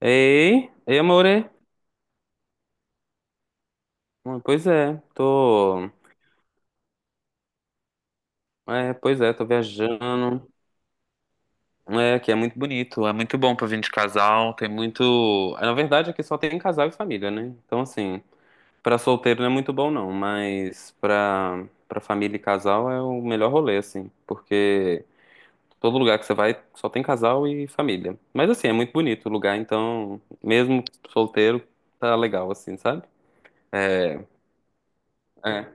Ei, ei, amore. Pois é, tô. É, pois é, tô viajando. É, que é muito bonito, é muito bom pra vir de casal. Tem muito. Na verdade, aqui só tem casal e família, né? Então, assim, pra solteiro não é muito bom, não, mas pra família e casal é o melhor rolê, assim, porque todo lugar que você vai só tem casal e família. Mas, assim, é muito bonito o lugar, então, mesmo solteiro, tá legal, assim, sabe? É.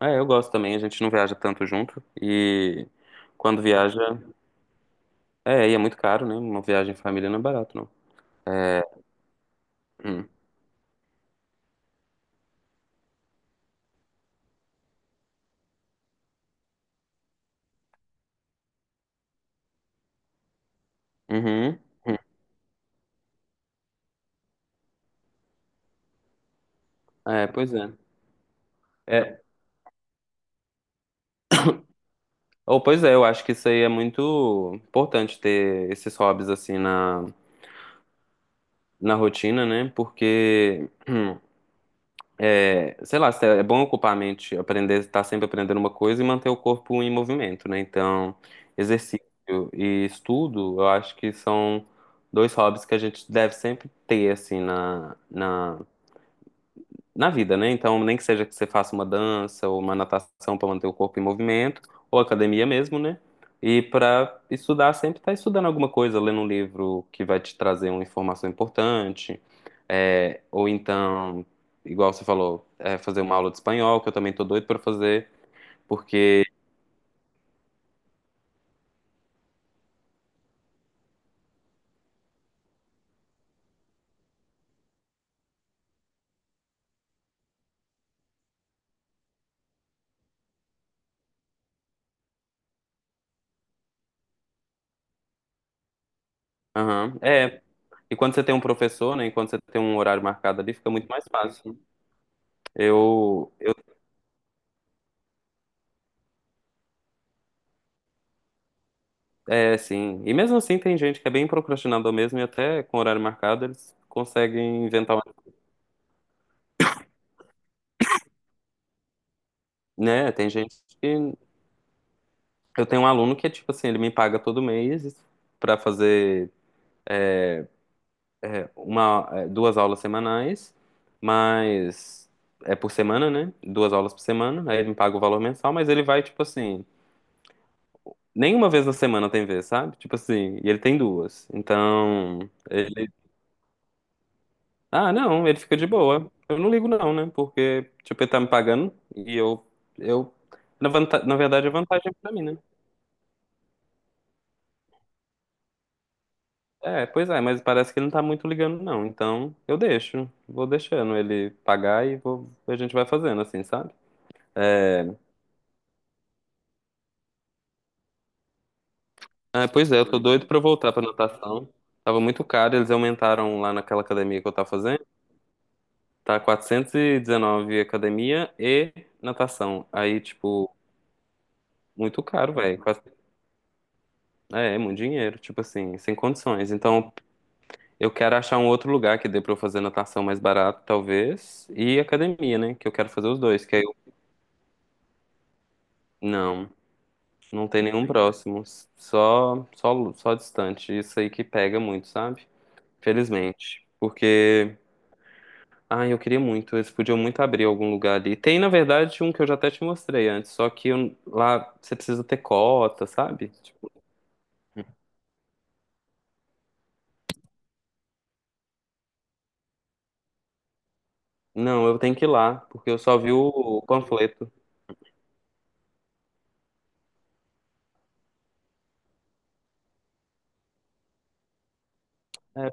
É, eu gosto também, a gente não viaja tanto junto e quando viaja, e é muito caro, né? Uma viagem em família não é barato, não. É. Hum. Uhum. É, pois é. É, ou pois é, eu acho que isso aí é muito importante ter esses hobbies assim na rotina, né? Porque sei lá, é bom ocupar a mente, aprender, estar sempre aprendendo uma coisa e manter o corpo em movimento, né? Então, exercício e estudo, eu acho que são dois hobbies que a gente deve sempre ter, assim, na vida, né? Então, nem que seja que você faça uma dança ou uma natação para manter o corpo em movimento, ou academia mesmo, né? E para estudar, sempre tá estudando alguma coisa, lendo um livro que vai te trazer uma informação importante, ou então, igual você falou, fazer uma aula de espanhol, que eu também tô doido para fazer, porque, aham, é. E quando você tem um professor, né? E quando você tem um horário marcado ali, fica muito mais fácil. Eu. É, sim. E mesmo assim tem gente que é bem procrastinador mesmo e até com horário marcado eles conseguem inventar, né? Tem gente que eu tenho um aluno que é tipo assim, ele me paga todo mês pra fazer duas aulas semanais, mas é por semana, né? Duas aulas por semana, aí ele me paga o valor mensal, mas ele vai tipo assim, nenhuma vez na semana tem vez, sabe? Tipo assim, e ele tem duas. Então, ah, não, ele fica de boa. Eu não ligo não, né? Porque, tipo, ele tá me pagando e eu, na verdade, a vantagem é pra mim, né? É, pois é, mas parece que ele não tá muito ligando não, então eu deixo, vou deixando ele pagar e a gente vai fazendo assim, sabe? É, ah, pois é, eu tô doido pra eu voltar pra natação. Tava muito caro, eles aumentaram lá naquela academia que eu tava fazendo. Tá 419 academia e natação. Aí, tipo, muito caro, velho. É, é muito dinheiro, tipo assim, sem condições. Então, eu quero achar um outro lugar que dê pra eu fazer natação mais barato, talvez, e academia, né? Que eu quero fazer os dois, que aí eu... Não, não tem nenhum próximo, só distante. Isso aí que pega muito, sabe? Felizmente. Porque, ai, eu queria muito, eles podiam muito abrir algum lugar ali. Tem, na verdade, um que eu já até te mostrei antes, só que eu- lá você precisa ter cota, sabe? Tipo, não, eu tenho que ir lá, porque eu só vi o panfleto. É.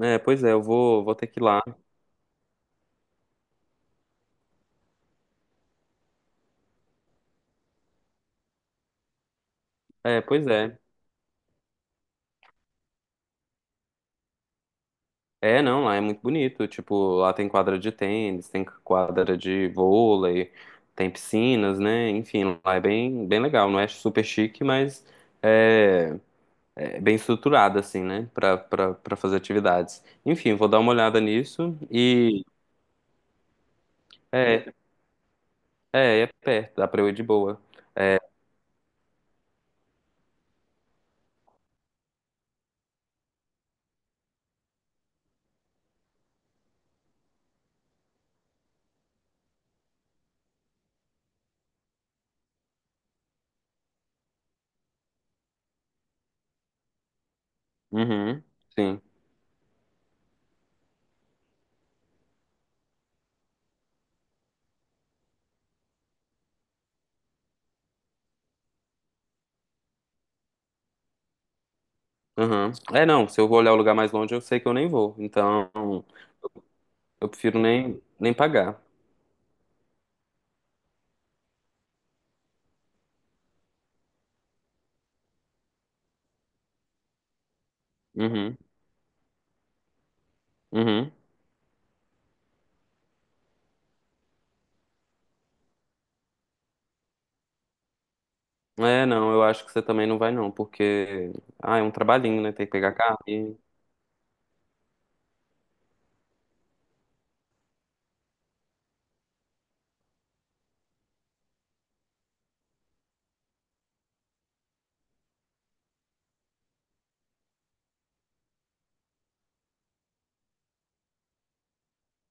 É, pois é, eu vou, vou ter que ir lá. É, pois é. É, não, lá é muito bonito. Tipo, lá tem quadra de tênis, tem quadra de vôlei, tem piscinas, né? Enfim, lá é bem, bem legal. Não é super chique, mas é, é bem estruturado, assim, né? Pra fazer atividades. Enfim, vou dar uma olhada nisso e. É, é perto, dá pra eu ir de boa. Uhum, sim. Uhum. É, não, se eu vou olhar o lugar mais longe, eu sei que eu nem vou. Então, eu prefiro nem pagar. Uhum. Uhum. É, não, eu acho que você também não vai não, porque ah, é um trabalhinho, né? Tem que pegar carro e...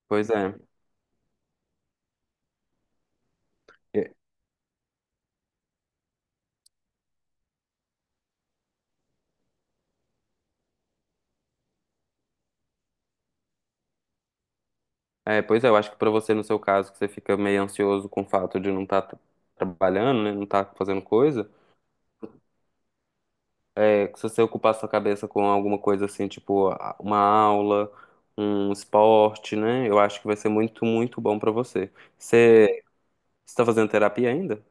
Pois é. É, pois é, eu acho que pra você, no seu caso, que você fica meio ansioso com o fato de não estar trabalhando, né? Não estar fazendo coisa, que se você ocupar sua cabeça com alguma coisa assim, tipo uma aula, um esporte, né? Eu acho que vai ser muito, muito bom pra você. Você está fazendo terapia ainda?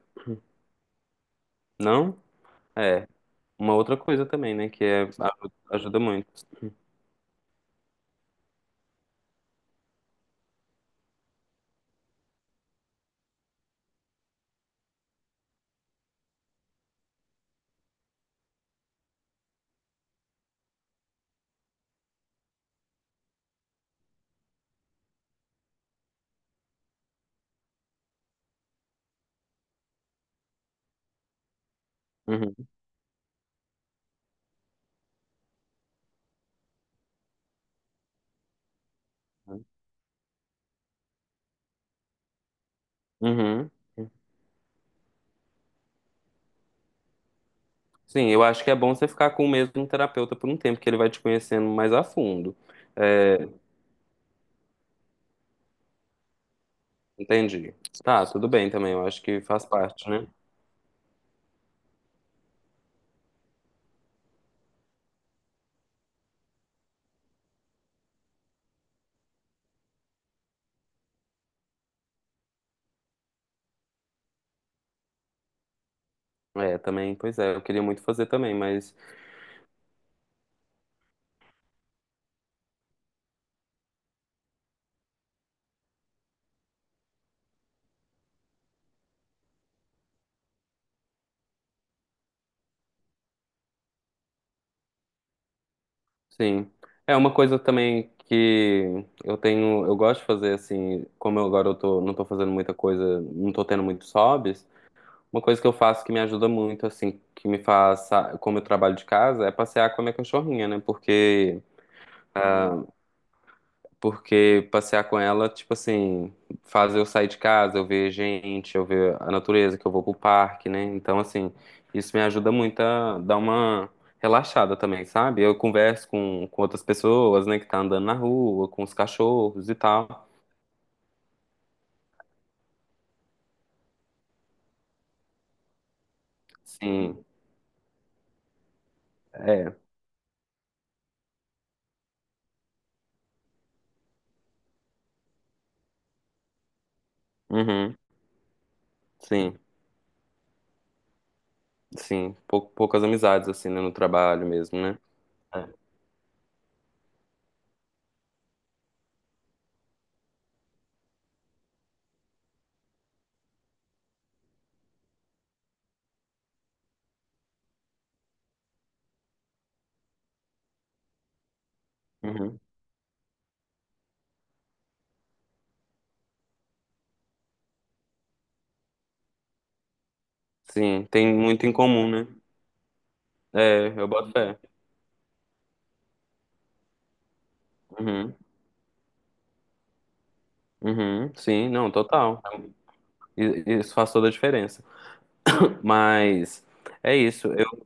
Não? É. Uma outra coisa também, né? Que ajuda muito. Uhum. Uhum. Sim, eu acho que é bom você ficar com o mesmo terapeuta por um tempo, que ele vai te conhecendo mais a fundo. É, entendi. Tá, tudo bem também, eu acho que faz parte, né? É, também, pois é, eu queria muito fazer também, mas sim. É uma coisa também que eu tenho, eu gosto de fazer assim, como eu agora eu tô, não tô fazendo muita coisa, não tô tendo muitos hobbies, uma coisa que eu faço que me ajuda muito, assim, que me faz, como eu trabalho de casa, é passear com a minha cachorrinha, né? Ah, Porque passear com ela, tipo assim, faz eu sair de casa, eu ver gente, eu ver a natureza, que eu vou pro parque, né? Então, assim, isso me ajuda muito a dar uma relaxada também, sabe? Eu converso com outras pessoas, né, que tá andando na rua, com os cachorros e tal. Sim, é. Uhum, sim, sim. Poucas amizades, assim, né, no trabalho mesmo, né? É. Uhum. Sim, tem muito em comum, né? É, eu boto fé. Uhum, uhum, sim, não, total. Isso faz toda a diferença. Mas é isso. Eu,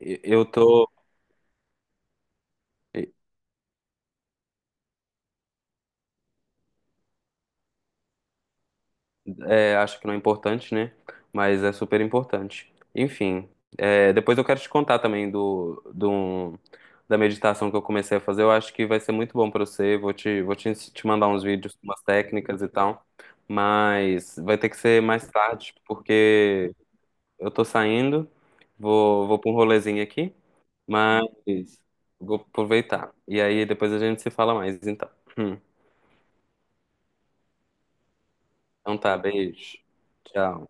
eu tô. Acho que não é importante, né? Mas é super importante. Enfim, depois eu quero te contar também do, do, um, da meditação que eu comecei a fazer. Eu acho que vai ser muito bom pra você. Te mandar uns vídeos, umas técnicas e tal. Mas vai ter que ser mais tarde, porque eu tô saindo. Vou pra um rolezinho aqui. Mas vou aproveitar. E aí depois a gente se fala mais, então. Hum. Então tá, beijo. Tchau.